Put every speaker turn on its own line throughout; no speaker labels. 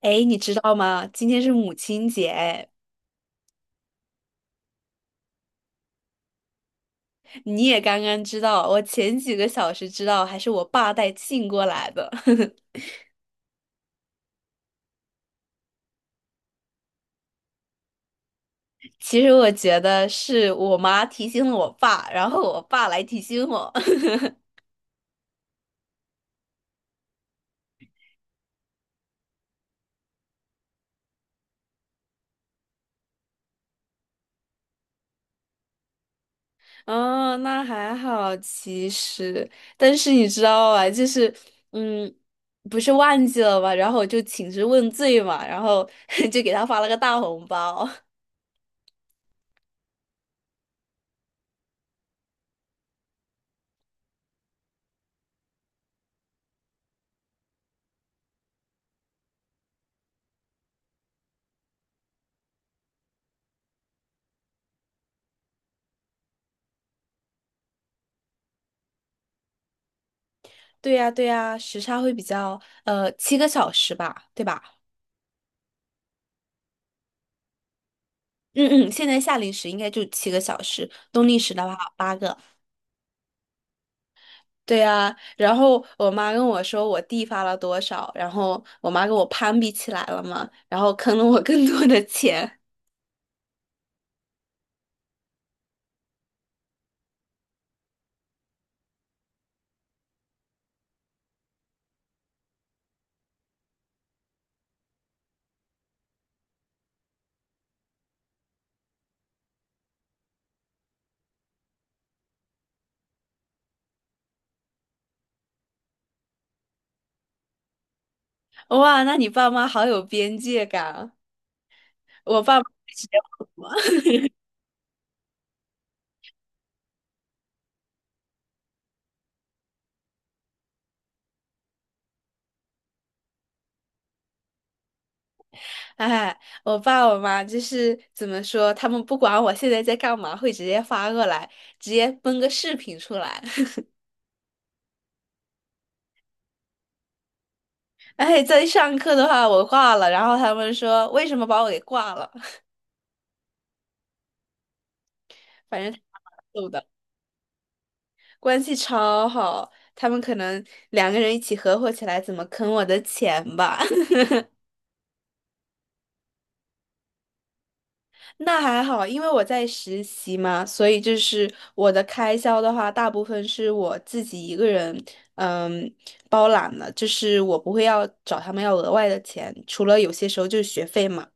哎，诶你知道吗？今天是母亲节，哎，你也刚刚知道，我前几个小时知道，还是我爸带信过来的。其实我觉得是我妈提醒了我爸，然后我爸来提醒我。哦，那还好，其实，但是你知道吧，就是，嗯，不是忘记了嘛，然后我就请示问罪嘛，然后 就给他发了个大红包。对呀，对呀，时差会比较，七个小时吧，对吧？嗯嗯，现在夏令时应该就七个小时，冬令时的话8个。对啊，然后我妈跟我说我弟发了多少，然后我妈跟我攀比起来了嘛，然后坑了我更多的钱。哇，那你爸妈好有边界感啊！我爸妈直接问我，哎，我爸我妈就是怎么说，他们不管我现在在干嘛，会直接发过来，直接崩个视频出来。哎，在上课的话我挂了，然后他们说为什么把我给挂了？反正他蛮逗的，关系超好。他们可能两个人一起合伙起来，怎么坑我的钱吧？那还好，因为我在实习嘛，所以就是我的开销的话，大部分是我自己一个人，嗯，包揽了，就是我不会要找他们要额外的钱，除了有些时候就是学费嘛。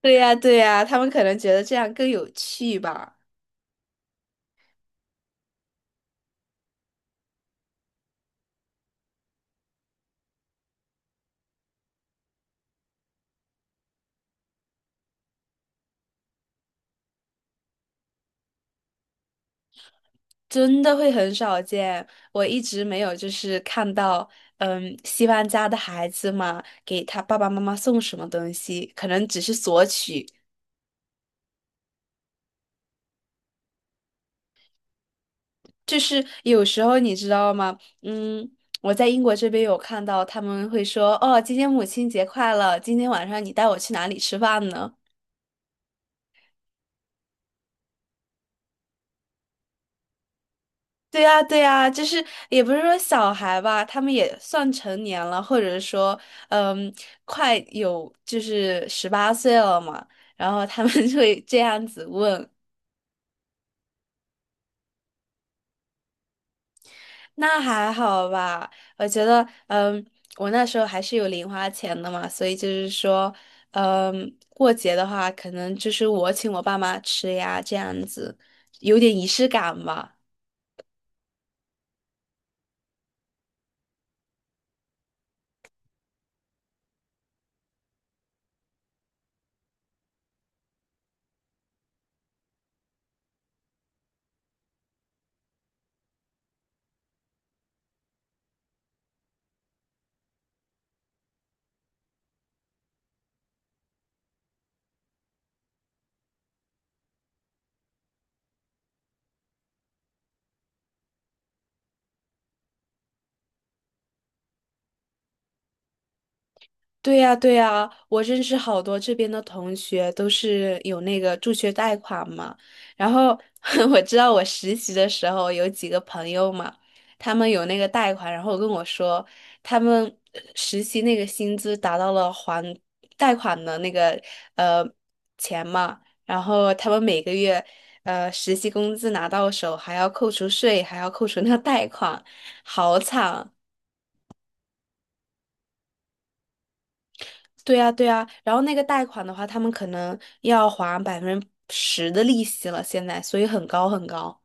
对呀，对呀，他们可能觉得这样更有趣吧。真的会很少见，我一直没有就是看到，西方家的孩子嘛，给他爸爸妈妈送什么东西，可能只是索取，就是有时候你知道吗？嗯，我在英国这边有看到他们会说，哦，今天母亲节快乐，今天晚上你带我去哪里吃饭呢？对呀，对呀，就是也不是说小孩吧，他们也算成年了，或者是说，嗯，快有就是18岁了嘛，然后他们 就会这样子问，那还好吧？我觉得，我那时候还是有零花钱的嘛，所以就是说，过节的话，可能就是我请我爸妈吃呀，这样子有点仪式感吧。对呀，对呀，我认识好多这边的同学都是有那个助学贷款嘛。然后 我知道我实习的时候有几个朋友嘛，他们有那个贷款，然后跟我说他们实习那个薪资达到了还贷款的那个呃钱嘛，然后他们每个月实习工资拿到手还要扣除税，还要扣除那个贷款，好惨。对呀，对呀，然后那个贷款的话，他们可能要还10%的利息了，现在，所以很高很高。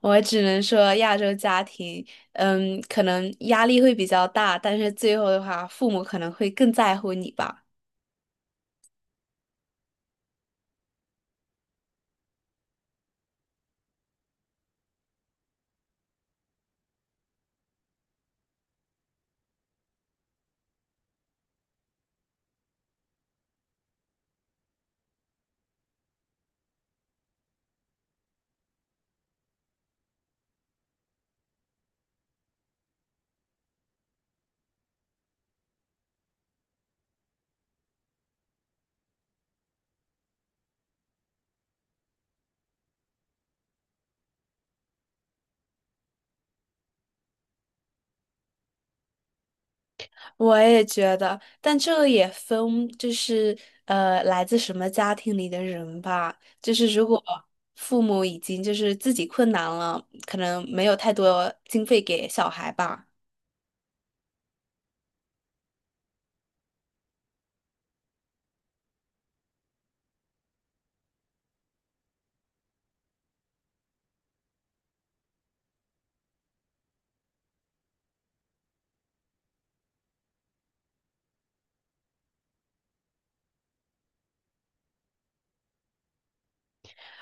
我只能说，亚洲家庭，可能压力会比较大，但是最后的话，父母可能会更在乎你吧。我也觉得，但这也分，就是来自什么家庭里的人吧。就是如果父母已经就是自己困难了，可能没有太多经费给小孩吧。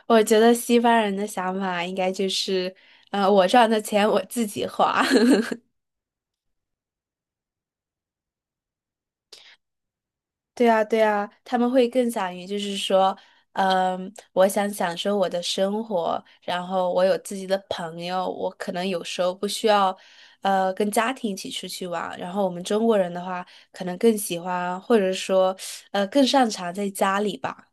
我觉得西方人的想法应该就是，我赚的钱我自己花。对啊，对啊，他们会更想于就是说，我想享受我的生活，然后我有自己的朋友，我可能有时候不需要，跟家庭一起出去玩。然后我们中国人的话，可能更喜欢或者说，更擅长在家里吧。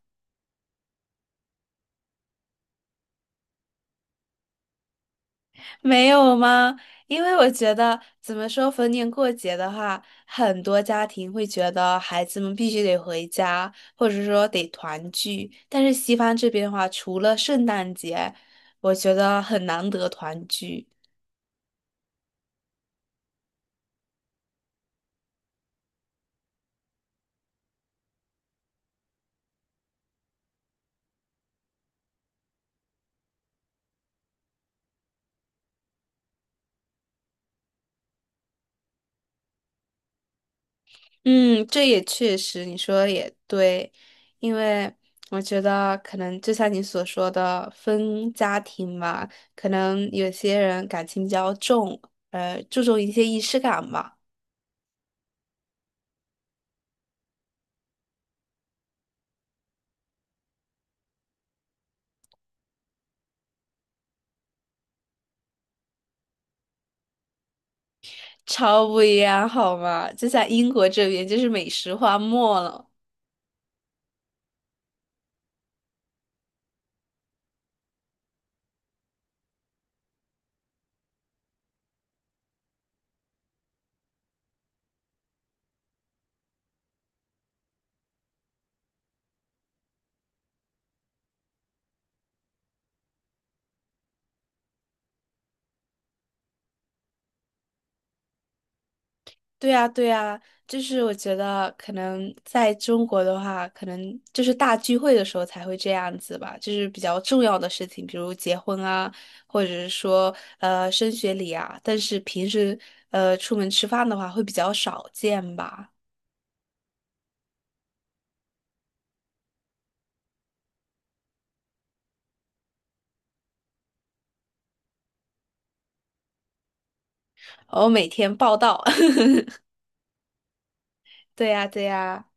没有吗？因为我觉得，怎么说，逢年过节的话，很多家庭会觉得孩子们必须得回家，或者说得团聚。但是西方这边的话，除了圣诞节，我觉得很难得团聚。嗯，这也确实，你说的也对，因为我觉得可能就像你所说的分家庭嘛，可能有些人感情比较重，注重一些仪式感吧。超不一样，好吗？就在英国这边，就是美食荒漠了。对啊，对啊，就是我觉得可能在中国的话，可能就是大聚会的时候才会这样子吧，就是比较重要的事情，比如结婚啊，或者是说升学礼啊。但是平时出门吃饭的话，会比较少见吧。我每天报道。对呀，对呀。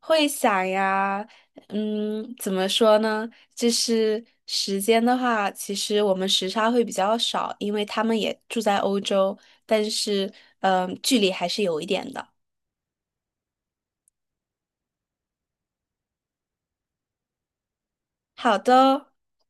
会想呀，怎么说呢？就是时间的话，其实我们时差会比较少，因为他们也住在欧洲，但是，距离还是有一点的。好的。